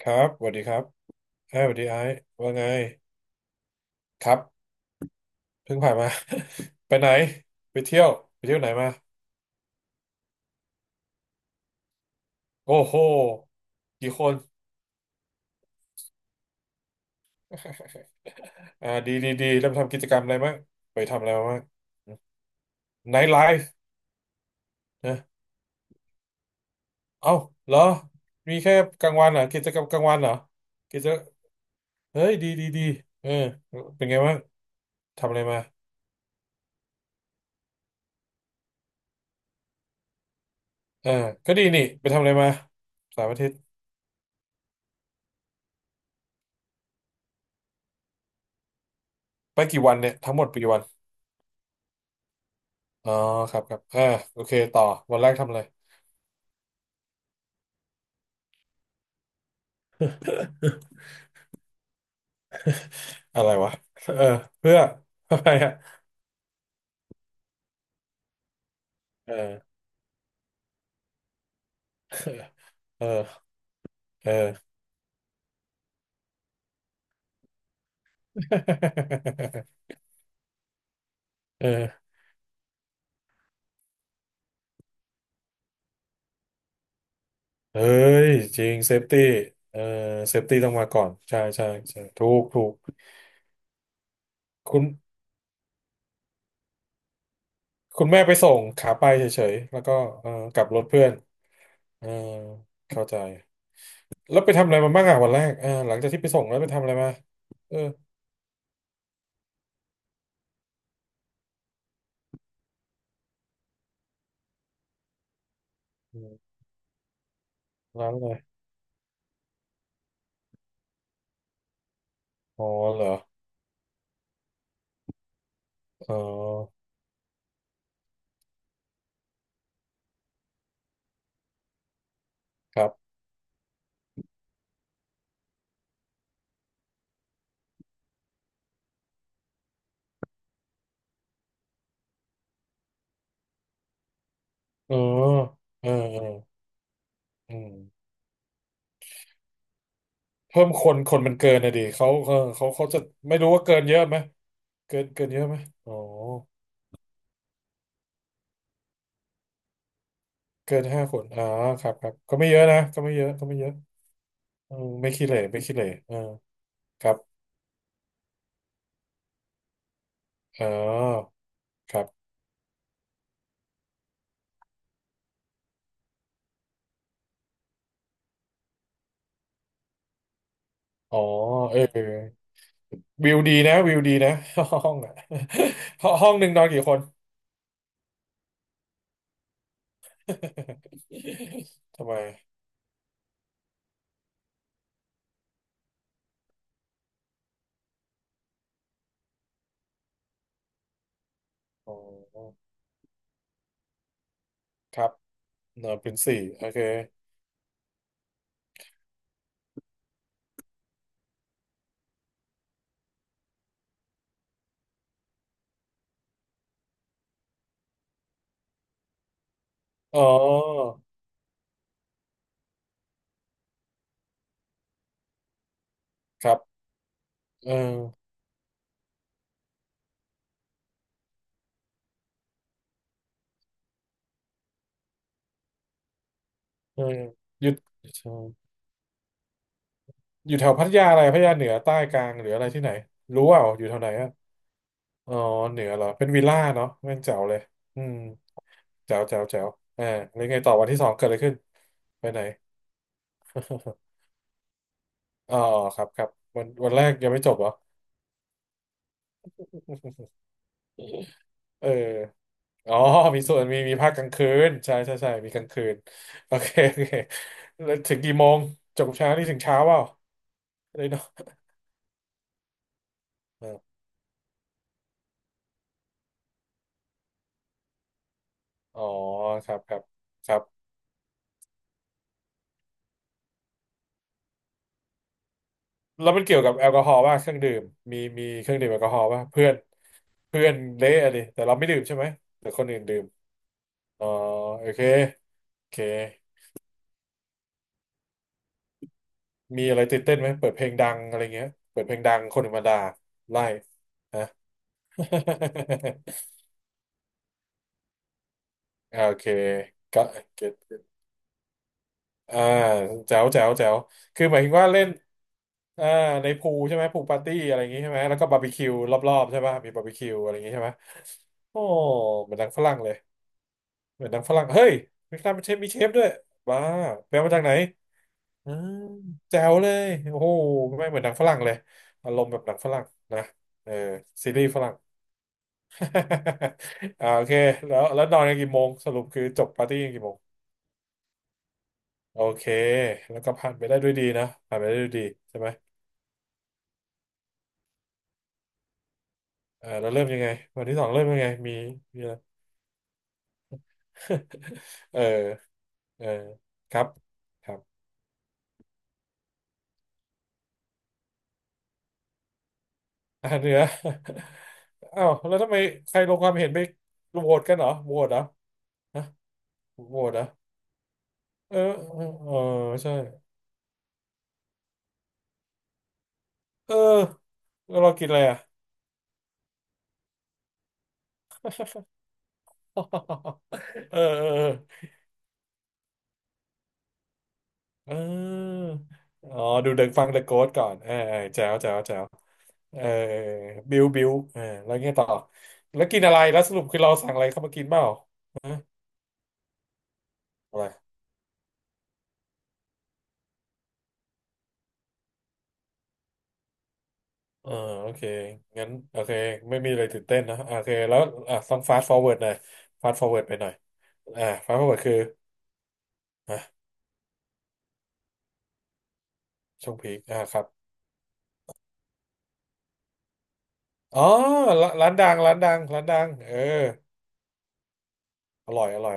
ครับสวัสดีครับเอ้ยสวัสดีไอ้ว่าไงครับเพิ่งผ่านมา ไปไหนไปเที่ยวไหนมาโอ้โหกี่คน ดีดีดีแล้วไปทำกิจกรรมอะไรมั้างไปทำอะไรมาบ้างไนท์ไลฟ์นะเอ้าเหรอมีแค่กลางวันเหรอกิจกรรมกลางวันเหรอกิจเฮ้ยดีดีดีเออเป็นไงบ้างทำอะไรมาเออก็ดีนี่ไปทำอะไรมาสามอาทิตย์ไปกี่วันเนี่ยทั้งหมดไปกี่วัน อ๋อครับครับเออโอเคต่อวันแรกทำอะไร อะไรวะเออเพื่อ อะไรอ่ะเออเออเออ เออเฮ้ยจริงเซฟตี้เออเซฟตี้ต้องมาก่อนใช่ใช่ใช่ถูกถูกคุณคุณแม่ไปส่งขาไปเฉยๆแล้วก็เออกลับรถเพื่อนเออเข้าใจแล้วไปทำอะไรมาบ้างอ่ะวันแรกเออหลังจากที่ไปส่งแล้วไปทำอะไรมาเออร้านอะไรอ๋อเหรออ๋อครับ เออเออเอออืมเพิ่มคนมันเกินนะดิเขาจะไม่รู้ว่าเกินเยอะไหมเกินเยอะไหมอ๋อเกินห้าคนอ๋อครับครับก็ไม่เยอะนะก็ไม่เยอะเออไม่ขี้เหร่ไม่ขี้เหร่เออครับอ๋อครับอ๋อเออวิวดีนะวิวดีนะห้องอ่ะห้อง ห้องหนึ่งนอนกี่คน ทำไมอ๋อครับเนอนเป็นสี่โอเคอ๋อครับเออ เอออยู่อยู่แถวพัทยาอะไรพัทยาเหนือใต้กลางหรืออะไรที่ไหนรู้เปล่าอยู่แถวไหนอะอ๋อเหนือเหรอเป็นวิลล่าเนาะแม่งแจ๋วเลยอืมแจ๋วแจ๋วแจ๋วอ่าแล้วไงต่อวันที่สองเกิดอะไรขึ้นไปไหน อ๋อครับครับวันแรกยังไม่จบเหรอเอออ๋อมีส่วนมีภาคกลางคืนใช่ใช่ใช่มีกลางคืน โอเคโอเคแล้วถึงกี่โมงจบเช้านี่ถึงเช้าเปล่าเลยเนาะเอออ๋อครับครับครับ แล้วมันเกี่ยวกับแอลกอฮอล์ป่ะเครื่องดื่มมีเครื่องดื่มแอลกอฮอล์ป่ะเพื่อนเพื่อนเละอะดิแต่เราไม่ดื่มใช่ไหมแต่คนอื่นดื่มอ๋อโอเคโอเคมีอะไรตื่นเต้นไหมเปิดเพลงดังอะไรเงี้ยเปิดเพลงดังคนอื่นมาด่าไล่ฮะ อ่าโอเคก็เก็ตอ่าแจ๋วแจ๋วแจ๋วคือหมายถึงว่าเล่นอ่าในพูลใช่ไหมพูลปาร์ตี้อะไรอย่างงี้ใช่ไหมแล้วก็บาร์บีคิวรอบๆใช่ป่ะมีบาร์บีคิวอะไรอย่างงี้ใช่ไหมโอ้เหมือนหนังฝรั่งเลย เหมือนหนังฝรั่ง เฮ้ยเวียดนามมันเชฟมีเชฟด้วย บ้าไปเอามาจากไหน อืมแจ๋วเลยโอ้โหไม่เหมือนหนังฝรั่งเลยอารมณ์แบบหนังฝรั่งนะเออซีรีส์ฝรั่ง อ่าโอเคแล้วนอนกันกี่โมงสรุปคือจบปาร์ตี้กันกี่โมงโอเคแล้วก็ผ่านไปได้ด้วยดีนะผ่านไปได้ด้วยดีใช่ไหมเออเราเริ่มยังไงวันที่สองเริ่มยังไงมีอะไร เออเออครับครับ อ่ารเหนือ อ้าวแล้วทำไมใครลงความเห็นไปโหวตกันเหรอโหวตเหรอฮะโหวตเหรอเออเออเออใช่เออแล้วเรากินอะไรอ่ะ เออเออเออเอออ๋อดูเดินฟังเดอะโ s t ก่อนเออเออแจ๋วแจ๋วแจ๋วเออบิวบิวเออแล้วไงต่อแล้วกินอะไรแล้วสรุปคือเราสั่งอะไรเข้ามากินเปล่าฮะอะไร อ่าโอเคงั้นโอเคไม่มีอะไรตื่นเต้นนะอ่าโอเคแล้วอ่ะต้อง fast forward หน่อย fast forward ไปหน่อยอ่า fast forward คืออ่ะช่วงพีคอ่าครับอ๋อร้านดังร้านดังเอออร่อย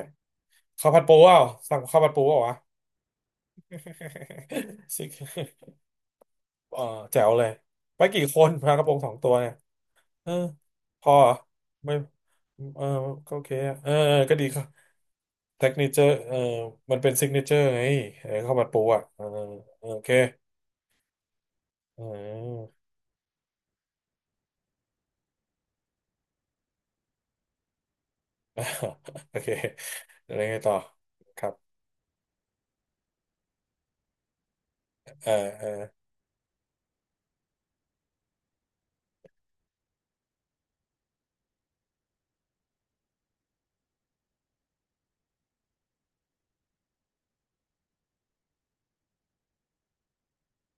ข้าวผัดปูเปล่าสั่งข้าวผัดปูเปล่าวะ ซิก เออแจ๋วเลยไปกี่คนปลากระพงสองตัวเนี่ยเออพอเหรอไม่เออก็โอเคอะเออเออก็ดีครับ s ท g นิเจอร์เออมันเป็นซิกเนเจอร์ไงเออข้าวผัดปูอ่ะเออเออโอเค อืม โอเคแล้วยังไงต่อครับเออเออ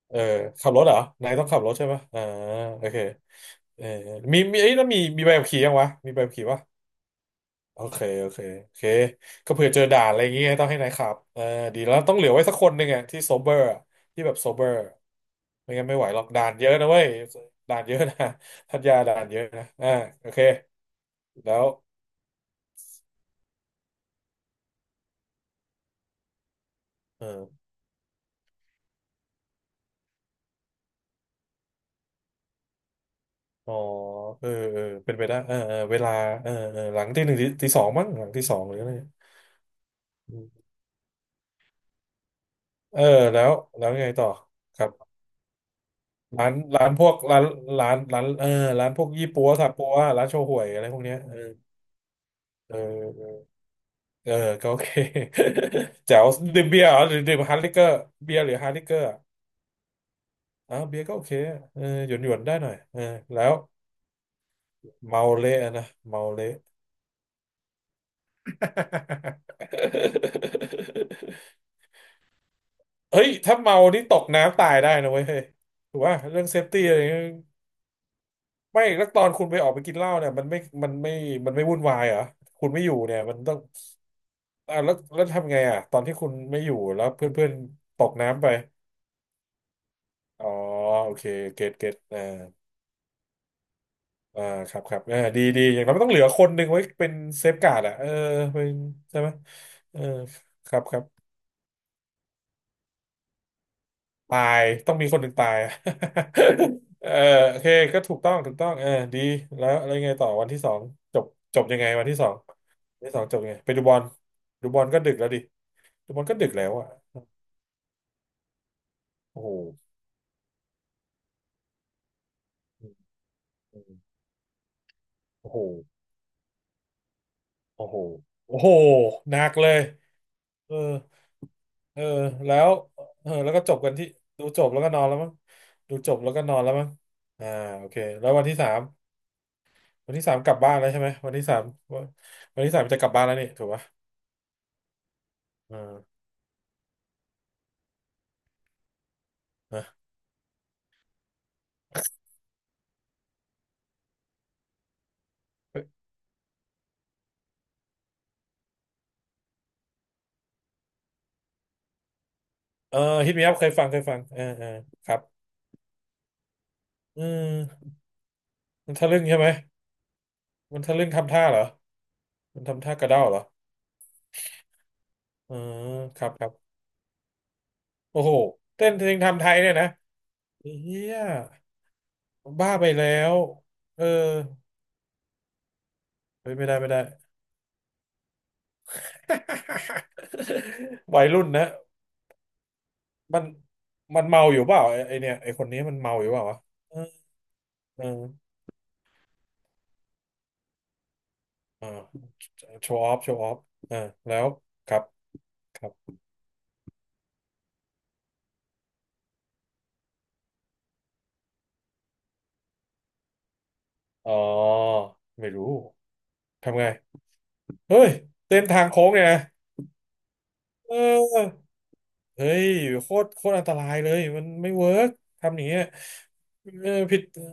เออขับรถเหรอนายต้องขับรถใช่ปะอ่าโอเคเออมีมีเอ้ยแล้วมีมีใบขับขี่ยังวะมีใบขับขี่ปะโอเคโอเคโอเคก็เผื่อเจอด่านอะไรอย่างเงี้ยต้องให้นายขับเออดีแล้วต้องเหลือไว้สักคนหนึ่งอะที่โซเบอร์ที่แบบโซเบอร์ไม่งั้นไม่ไหวหรอกด่านเยอะนะเว้ยด่านเยอะนะ ทัดยาด่านเยอะนะอ่าโอเคแล้วเออ อ๋อเออเออเป็นไปได้เออเออเวลาเออเออหลังตีหนึ่งตีสองมั้งหลังตีสองหรืออะไรอืมเออแล้วแล้วไงต่อครับร้านร้านพวกร้านร้านร้านเออร้านพวกยี่ปัวซาปัวร้านโชห่วยอะไรพวกเนี้ยเออเออเออก็โอเค แจ๋วดื่มเบียร์เหรอหรือดื่มฮาร์ดลิเกอร์เบียร์หรือฮาร์ดลิเกอร์อะอาวเบียร์ก็โอเคเออหยวนหยวนได้หน่อยเออแล้วเมาเละนะเมาเละ เฮ้ยถ้าเมานี่ตกน้ำตายได้นะเว้ยเฮ้ยถูกว่าเรื่องเซฟตี้อะไรเงี้ยไม่แล้วตอนคุณไปออกไปกินเหล้าเนี่ยมันไม่มันไม่วุ่นวายเหรอคุณไม่อยู่เนี่ยมันต้องอ่ะแล้วแล้วทำไงอ่ะตอนที่คุณไม่อยู่แล้วเพื่อนเพื่อนตกน้ำไปอ๋อโอเคเก็ตอ่าอ่าครับครับอ่าดีดีอย่างน้อยมันต้องเหลือคนหนึ่งไว้เป็นเซฟการ์ดอ่ะเออเป็นใช่ไหมเออครับครับ ตายต้องมีคนหนึ่งตาย เออโอเคก็ถูกต้องถูกต้องเออดีแล้วอะไรไงต่อวันที่สองจบจบยังไงวันที่สองวันที่สองจบยังไงไปดูบอลดูบอลก็ดึกแล้วดิดูบอลก็ดึกแล้วอ่ะโอ้โหอืมอืมโอ้โหโอ้โหโอ้โหหนักเลยเออเออแล้วเออแล้วก็จบกันที่ดูจบแล้วก็นอนแล้วมั้งดูจบแล้วก็นอนแล้วมั้งอ่าโอเคแล้ววันที่สามวันที่สามกลับบ้านแล้วใช่ไหมวันที่สามวันวันที่สามจะกลับบ้านแล้วนี่ถูกปะ อ่าอ่ะเออฮิตมีอัพเคยฟังเคยฟังเออเออครับอืมมันทะลึ่งใช่ไหมมันทะลึ่งทำท่าเหรอมันทำท่ากระเด้าเหรอเออครับครับโอ้โหเต้นเพลงทำไทยเนี่ยนะเฮียบ้าไปแล้วเออเฮ้ยไม่ได้ไม่ได้ วัยรุ่นนะมันมันเมาอยู่เปล่าไอ้ไอเนี่ยไอคนนี้มันเมาอยู่เปล่าวะเออเอออ่าโชว์ออฟโชว์ออฟอ่าแล้วครับครับอ๋อไม่รู้ ทำไงเฮ้ยเส้นทางโค้งเนี่ยนะเออเฮ้ยโคตรโคตรอันตรายเลยมันไม่เวิร์กทำอย่างเงี้ยเออผิดเออ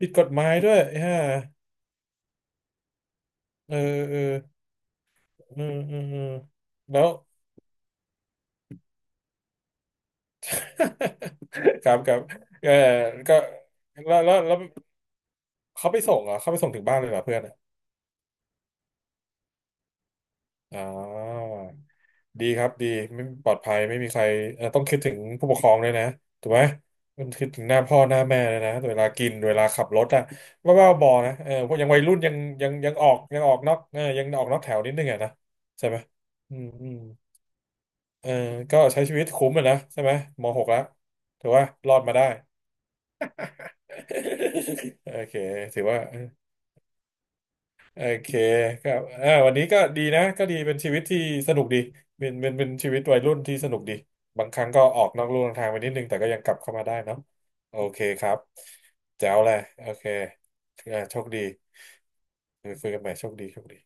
ผิดกฎหมายด้วยฮะเออเออเออเออเออแล้ว ครับครับเออก็แล้วแล้วแล้วเขาไปส่งเหรอเขาไปส่งถึงบ้านเลยเหรอเพื่อนอ่ะอ๋อ ดีครับดีไม่ปลอดภัยไม่มีใครต้องคิดถึงผู้ปกครองด้วยนะถูกไหมมันคิดถึงหน้าพ่อหน้าแม่เลยนะเวลากินเวลาขับรถอะว่าบ้าบอนะเออพวกยังวัยรุ่นยังยังออกยังออกนอกเออยังออกนอกแถวนิดนึงอะนะใช่ไหมอืมอืมเออก็ใช้ชีวิตคุ้มอะนะใช่ไหมมหกแล้วถือว่ารอดมาได้ โอเคถือว่า โอเคครับอ่าวันนี้ก็ดีนะก็ดีเป็นชีวิตที่สนุกดีเป็นชีวิตวัยรุ่นที่สนุกดีบางครั้งก็ออกนอกลู่นอกทางไปนิดนึงแต่ก็ยังกลับเข้ามาได้เนาะโอเคครับแจ๋วเลยโอเคอ่าโชคดีคุยกันใหม่โชคดีโชคดี